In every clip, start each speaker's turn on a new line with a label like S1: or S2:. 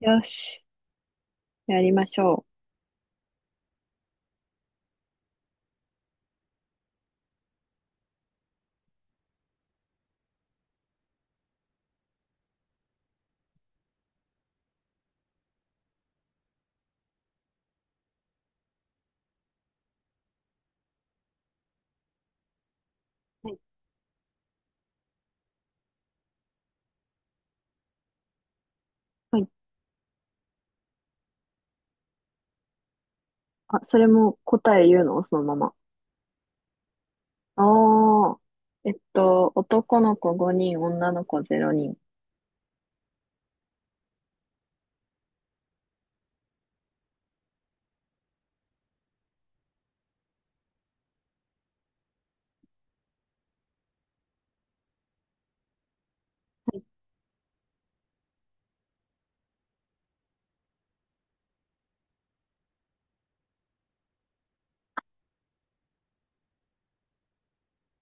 S1: よし。やりましょう。はい。はい。あ、それも答え言うのそのまま。ああ。男の子5人、女の子0人。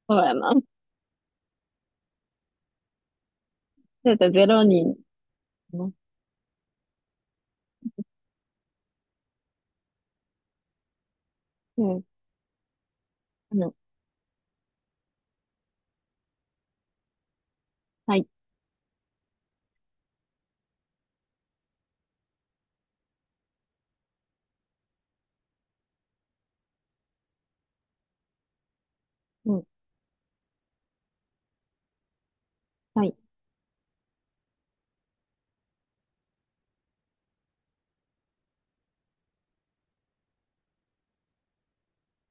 S1: そうやな。だってロ人。うん。うん、うん、はい、うん、はい、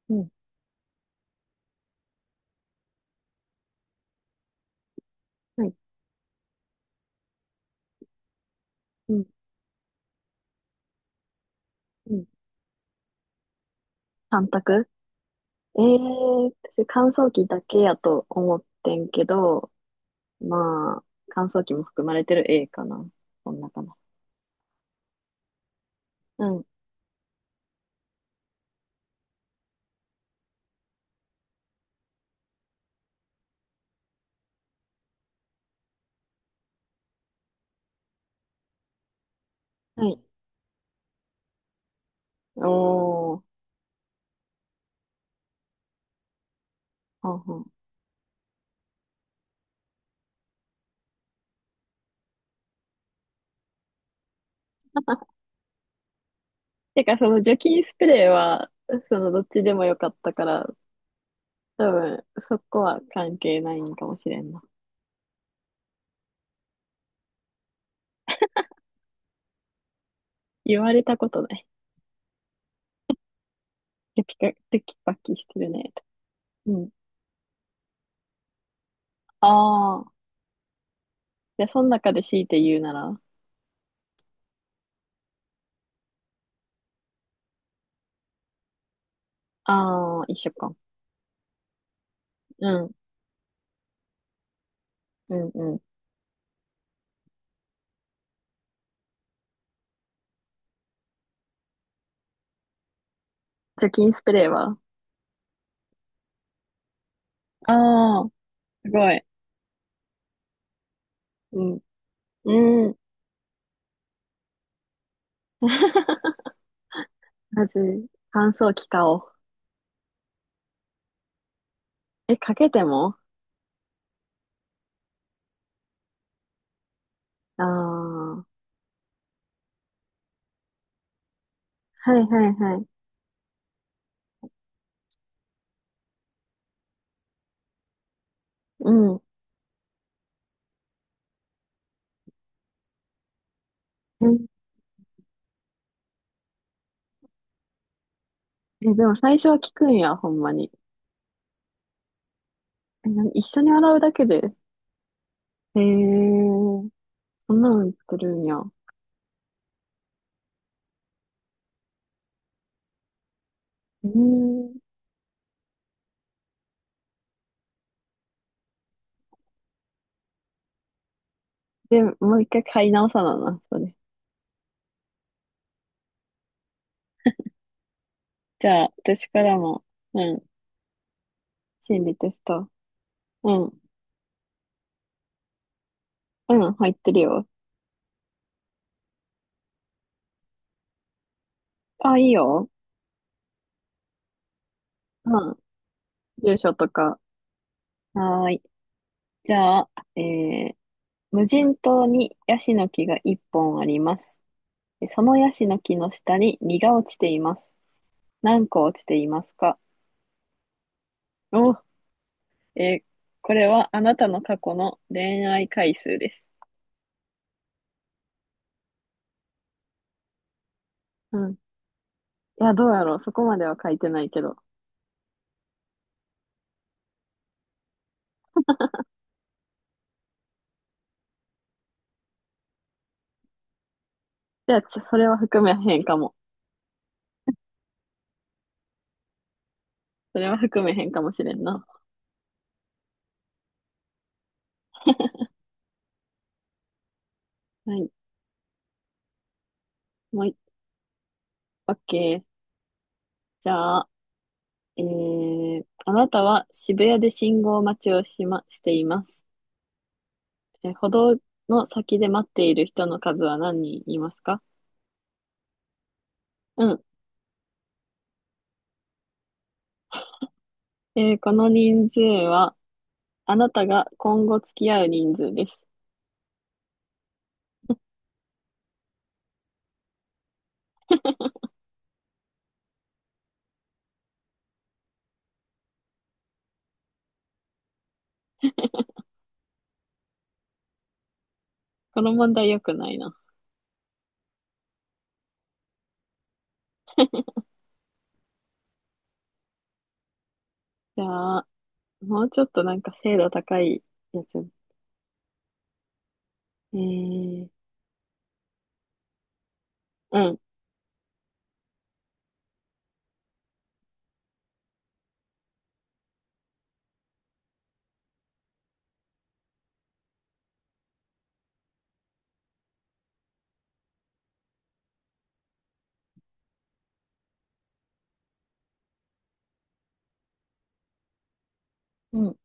S1: うん、はい、うん、うん。三択。私乾燥機だけやと思ってんけど、まあ、乾燥機も含まれてる A かな。こんなかな。うん。はい。おー、はんはん。てか、その除菌スプレーは、そのどっちでもよかったから、多分、そこは関係ないんかもしれんな。言われたことない。テキパキしてるね、と。うん。ああ。じゃあ、その中で強いて言うなら、ああ、一緒か。うん、うん、うん。除菌スプレーは。ああー、すごい。うん、うん。まず、乾燥機買おう。え、かけても。ああー、はいはいはい。うん。え、えでも最初は効くんや、ほんまに。え、な一緒に洗うだけで。へえ、そんなの作るんや。うーん。で、もう一回買い直さなな、それ。じゃあ、私からも、うん、心理テスト。うん、うん、入ってるよ。あ、いいよ。うん、住所とか。はーい。じゃあ、えー、無人島にヤシの木が一本あります。そのヤシの木の下に実が落ちています。何個落ちていますか？お、えーこれはあなたの過去の恋愛回数です。うん。いや、どうやろう。そこまでは書いてないけど。じゃあ、それは含めへんかも。それは含めへんかもしれんな。はい。もうい、オッケー。じゃあ、あなたは渋谷で信号待ちをしています。歩道の先で待っている人の数は何人いますか？うん。この人数は、あなたが今後付き合う人数です。この問題良くないな。じゃあ、もうちょっとなんか精度高いやつ。えー、うん、うん、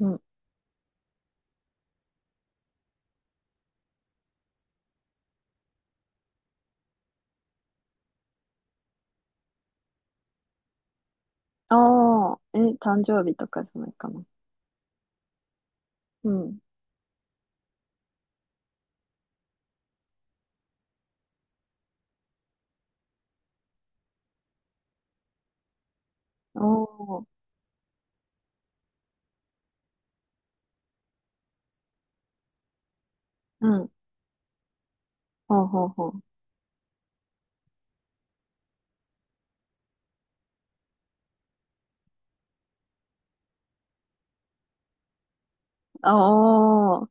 S1: うん、ああ、え、誕生日とかじゃないかな。うん。おお、うん、ほうほうほう。ああ、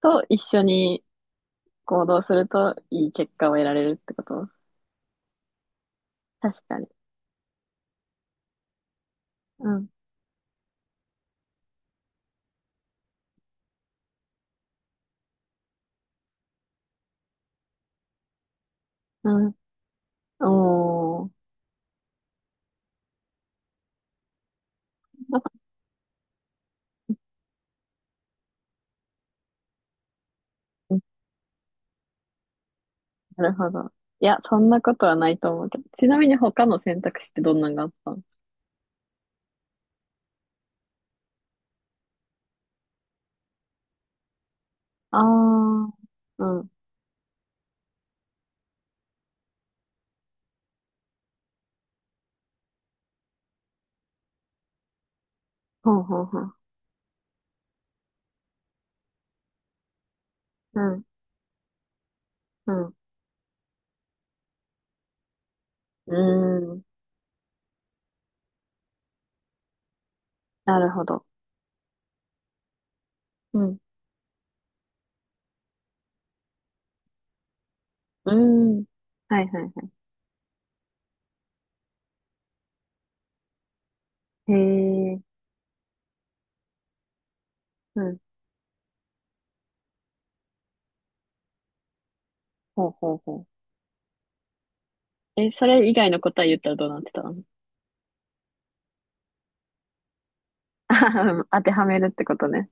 S1: と一緒に行動するといい結果を得られるってこと？確かに。うん、うん、おお、なるほど。いや、そんなことはないと思うけど。ちなみに他の選択肢ってどんなのがあったの？ああー、うん、ほうほうほう。うん、うん。うーん。なるほど。うん。うーん。はいはいはい。へえ。うん。ほうほうほう。え、それ以外の答え言ったらどうなってたの？ 当てはめるってことね。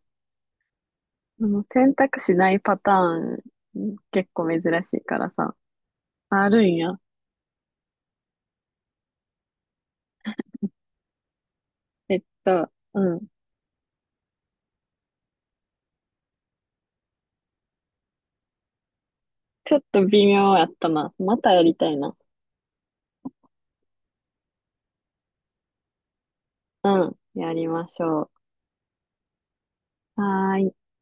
S1: あの選択肢ないパターン、結構珍しいからさ。あるんや。うん。ちょっと微妙やったな。またやりたいな。うん。やりましょう。はーい。